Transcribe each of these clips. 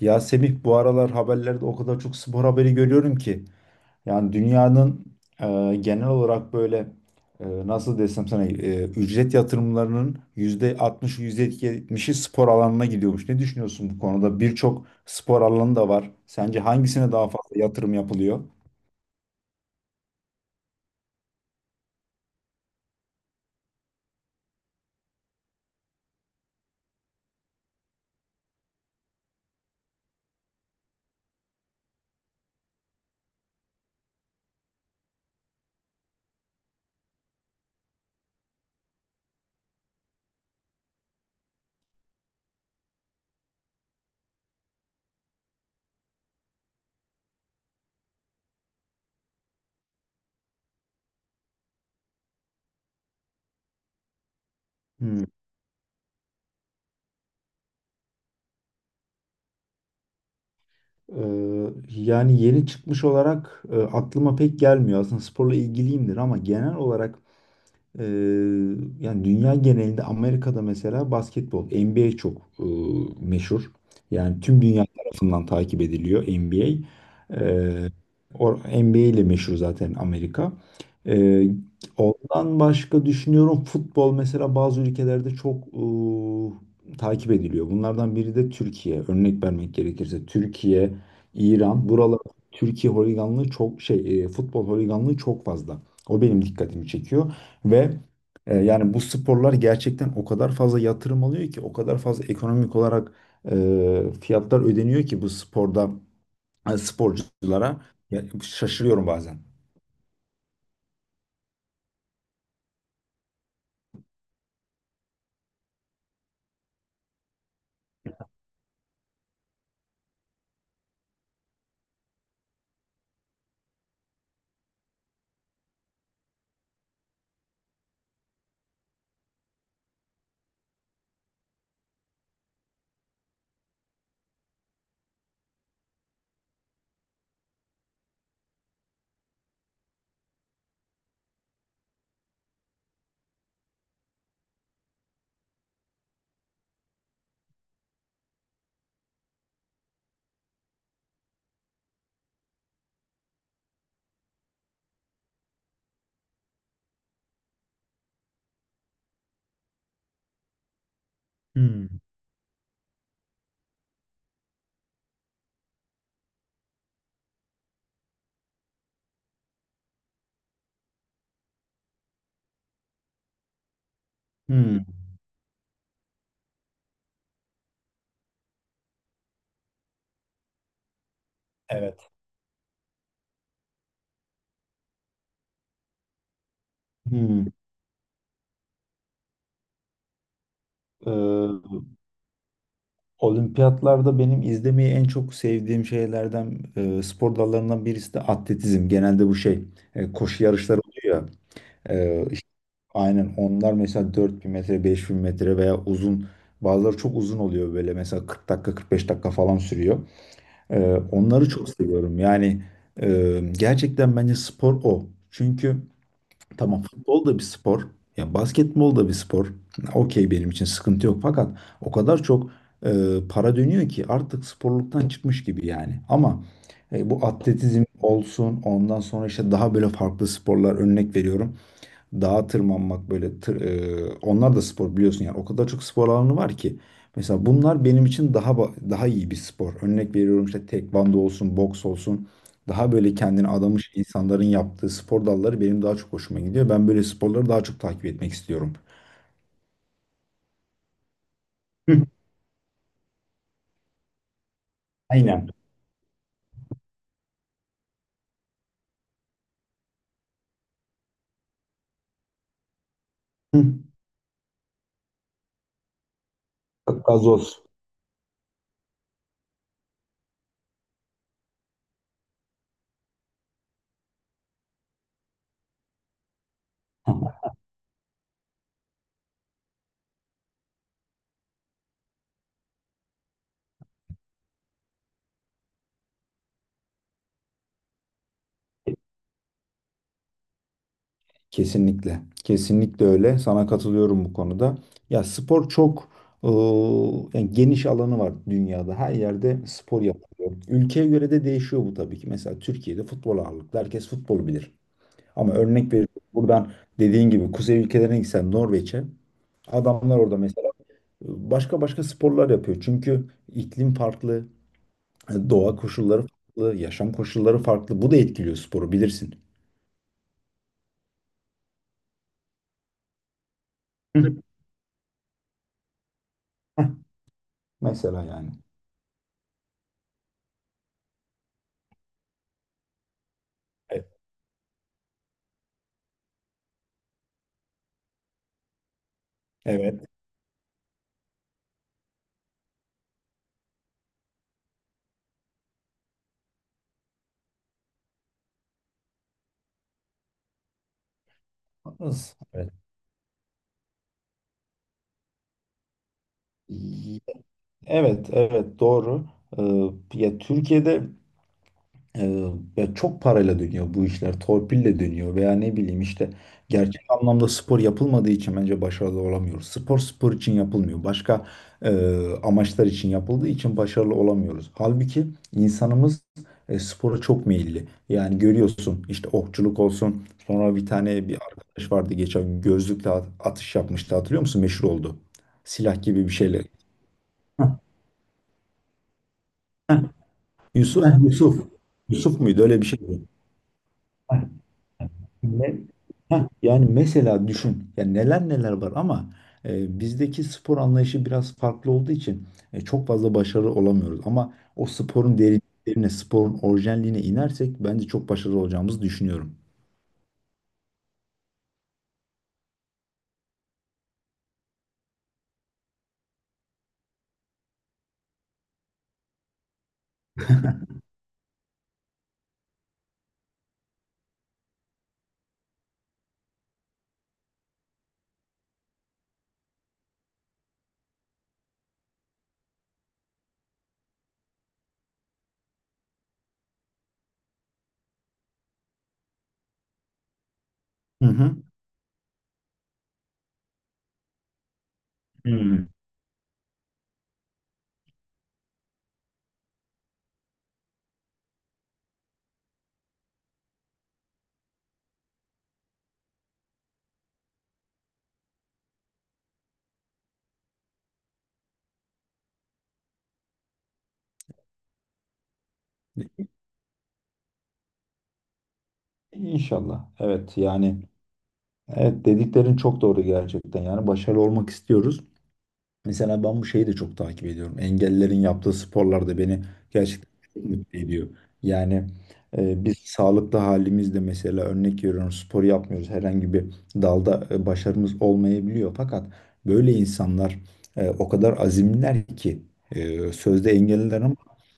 Ya Semih bu aralar haberlerde o kadar çok spor haberi görüyorum ki. Yani dünyanın genel olarak böyle nasıl desem sana ücret yatırımlarının yüzde %70'i spor alanına gidiyormuş. Ne düşünüyorsun bu konuda? Birçok spor alanı da var. Sence hangisine daha fazla yatırım yapılıyor? Hmm. Yani yeni çıkmış olarak aklıma pek gelmiyor. Aslında sporla ilgiliyimdir ama genel olarak. Ee, yani dünya genelinde Amerika'da mesela basketbol, NBA çok meşhur. Yani tüm dünya tarafından takip ediliyor NBA. Ee, NBA ile meşhur zaten Amerika. Ee, ondan başka düşünüyorum, futbol mesela bazı ülkelerde çok takip ediliyor. Bunlardan biri de Türkiye. Örnek vermek gerekirse Türkiye, İran, buralar. Türkiye holiganlığı çok futbol holiganlığı çok fazla. O benim dikkatimi çekiyor. Ve yani bu sporlar gerçekten o kadar fazla yatırım alıyor ki, o kadar fazla ekonomik olarak fiyatlar ödeniyor ki bu sporda sporculara. Ya, şaşırıyorum bazen. Hmm. Hmm, evet. Hmm. Ee, olimpiyatlarda benim izlemeyi en çok sevdiğim şeylerden, spor dallarından birisi de atletizm. Genelde bu şey, koşu yarışları oluyor ya. e, Aynen, onlar mesela 4.000 metre, 5.000 metre veya uzun, bazıları çok uzun oluyor, böyle mesela 40 dakika, 45 dakika falan sürüyor. Onları çok seviyorum yani, gerçekten bence spor o. Çünkü tamam, futbol da bir spor ya, basketbol da bir spor, okey, benim için sıkıntı yok, fakat o kadar çok e, para dönüyor ki artık sporluktan çıkmış gibi yani. Ama bu atletizm olsun, ondan sonra işte daha böyle farklı sporlar, örnek veriyorum. Dağa tırmanmak, böyle onlar da spor biliyorsun yani, o kadar çok spor alanı var ki. Mesela bunlar benim için daha iyi bir spor. Örnek veriyorum, işte tekvando olsun, boks olsun. Daha böyle kendini adamış insanların yaptığı spor dalları benim daha çok hoşuma gidiyor. Ben böyle sporları daha çok takip etmek istiyorum. Hı, aynen. Hı. Gazoz. Kesinlikle. Kesinlikle öyle. Sana katılıyorum bu konuda. Ya spor çok eee, yani, geniş alanı var dünyada. Her yerde spor yapılıyor. Ülkeye göre de değişiyor bu tabii ki. Mesela Türkiye'de futbol ağırlıklı. Herkes futbolu bilir. Ama örnek veriyorum, buradan dediğin gibi kuzey ülkelerine gitsen, Norveç'e, adamlar orada mesela başka başka sporlar yapıyor. Çünkü iklim farklı, doğa koşulları farklı, yaşam koşulları farklı. Bu da etkiliyor sporu, bilirsin. Hı. Heh, mesela yani. E- Evet. Hız. Evet. Evet, evet, doğru. Ya Türkiye'de, e, ya çok parayla dönüyor bu işler, torpille dönüyor veya ne bileyim işte, gerçek anlamda spor yapılmadığı için bence başarılı olamıyoruz. Spor spor için yapılmıyor, başka e, amaçlar için yapıldığı için başarılı olamıyoruz. Halbuki insanımız spora çok meyilli. Yani görüyorsun işte, okçuluk olsun. Sonra bir tane bir arkadaş vardı, geçen gün gözlükle atış yapmıştı, hatırlıyor musun? Meşhur oldu. Silah gibi bir şeyle. Heh, Yusuf, heh, Yusuf. Yusuf muydu? Öyle bir şeydi. Heh, ne- Heh, yani mesela düşün, yani neler neler var, ama bizdeki spor anlayışı biraz farklı olduğu için çok fazla başarılı olamıyoruz. Ama o sporun derinliklerine, sporun orijinalliğine inersek bence çok başarılı olacağımızı düşünüyorum. Hı hı. Hı. İnşallah. Evet yani, evet, dediklerin çok doğru gerçekten. Yani başarılı olmak istiyoruz. Mesela ben bu şeyi de çok takip ediyorum. Engellilerin yaptığı sporlar da beni gerçekten çok mutlu ediyor. Yani biz sağlıklı halimizde mesela, örnek veriyorum, spor yapmıyoruz. Herhangi bir dalda başarımız olmayabiliyor. Fakat böyle insanlar o kadar azimliler ki, sözde engelliler ama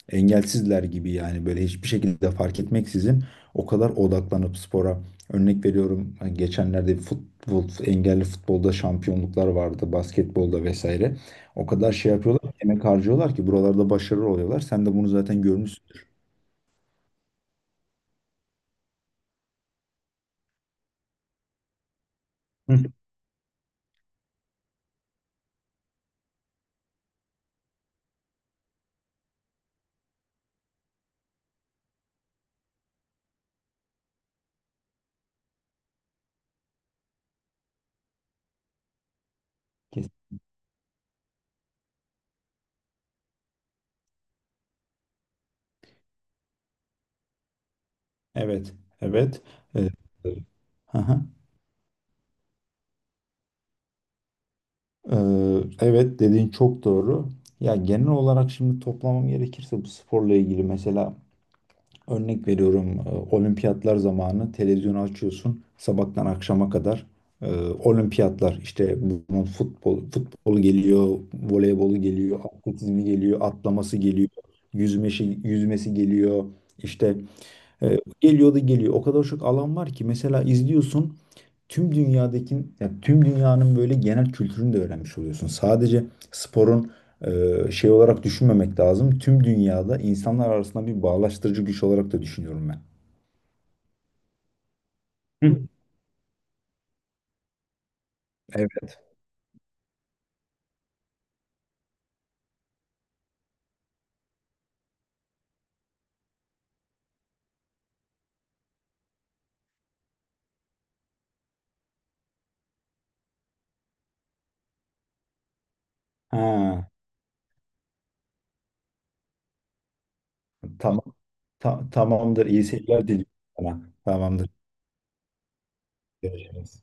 engelsizler gibi yani, böyle hiçbir şekilde fark etmeksizin o kadar odaklanıp spora, örnek veriyorum, geçenlerde futbol, engelli futbolda şampiyonluklar vardı, basketbolda vesaire. O kadar şey yapıyorlar, emek harcıyorlar ki buralarda başarılı oluyorlar. Sen de bunu zaten görmüşsündür. Hı. Kesin. Evet, evet. Ee, aha. Ee, evet, dediğin çok doğru. Ya, genel olarak şimdi toplamam gerekirse, bu sporla ilgili mesela, örnek veriyorum, olimpiyatlar zamanı televizyonu açıyorsun, sabahtan akşama kadar e, olimpiyatlar işte, bunun futbolu geliyor, voleybolu geliyor, atletizmi geliyor, atlaması geliyor, yüzmesi geliyor. İşte geliyor da geliyor. O kadar çok alan var ki, mesela izliyorsun, tüm dünyadaki, ya tüm dünyanın böyle genel kültürünü de öğrenmiş oluyorsun. Sadece sporun şey olarak düşünmemek lazım. Tüm dünyada insanlar arasında bir bağlaştırıcı güç olarak da düşünüyorum ben. Hı. Evet. Ha, tamam. Tamamdır. İyi seyirler diliyorum sana. Tamamdır. Görüşürüz.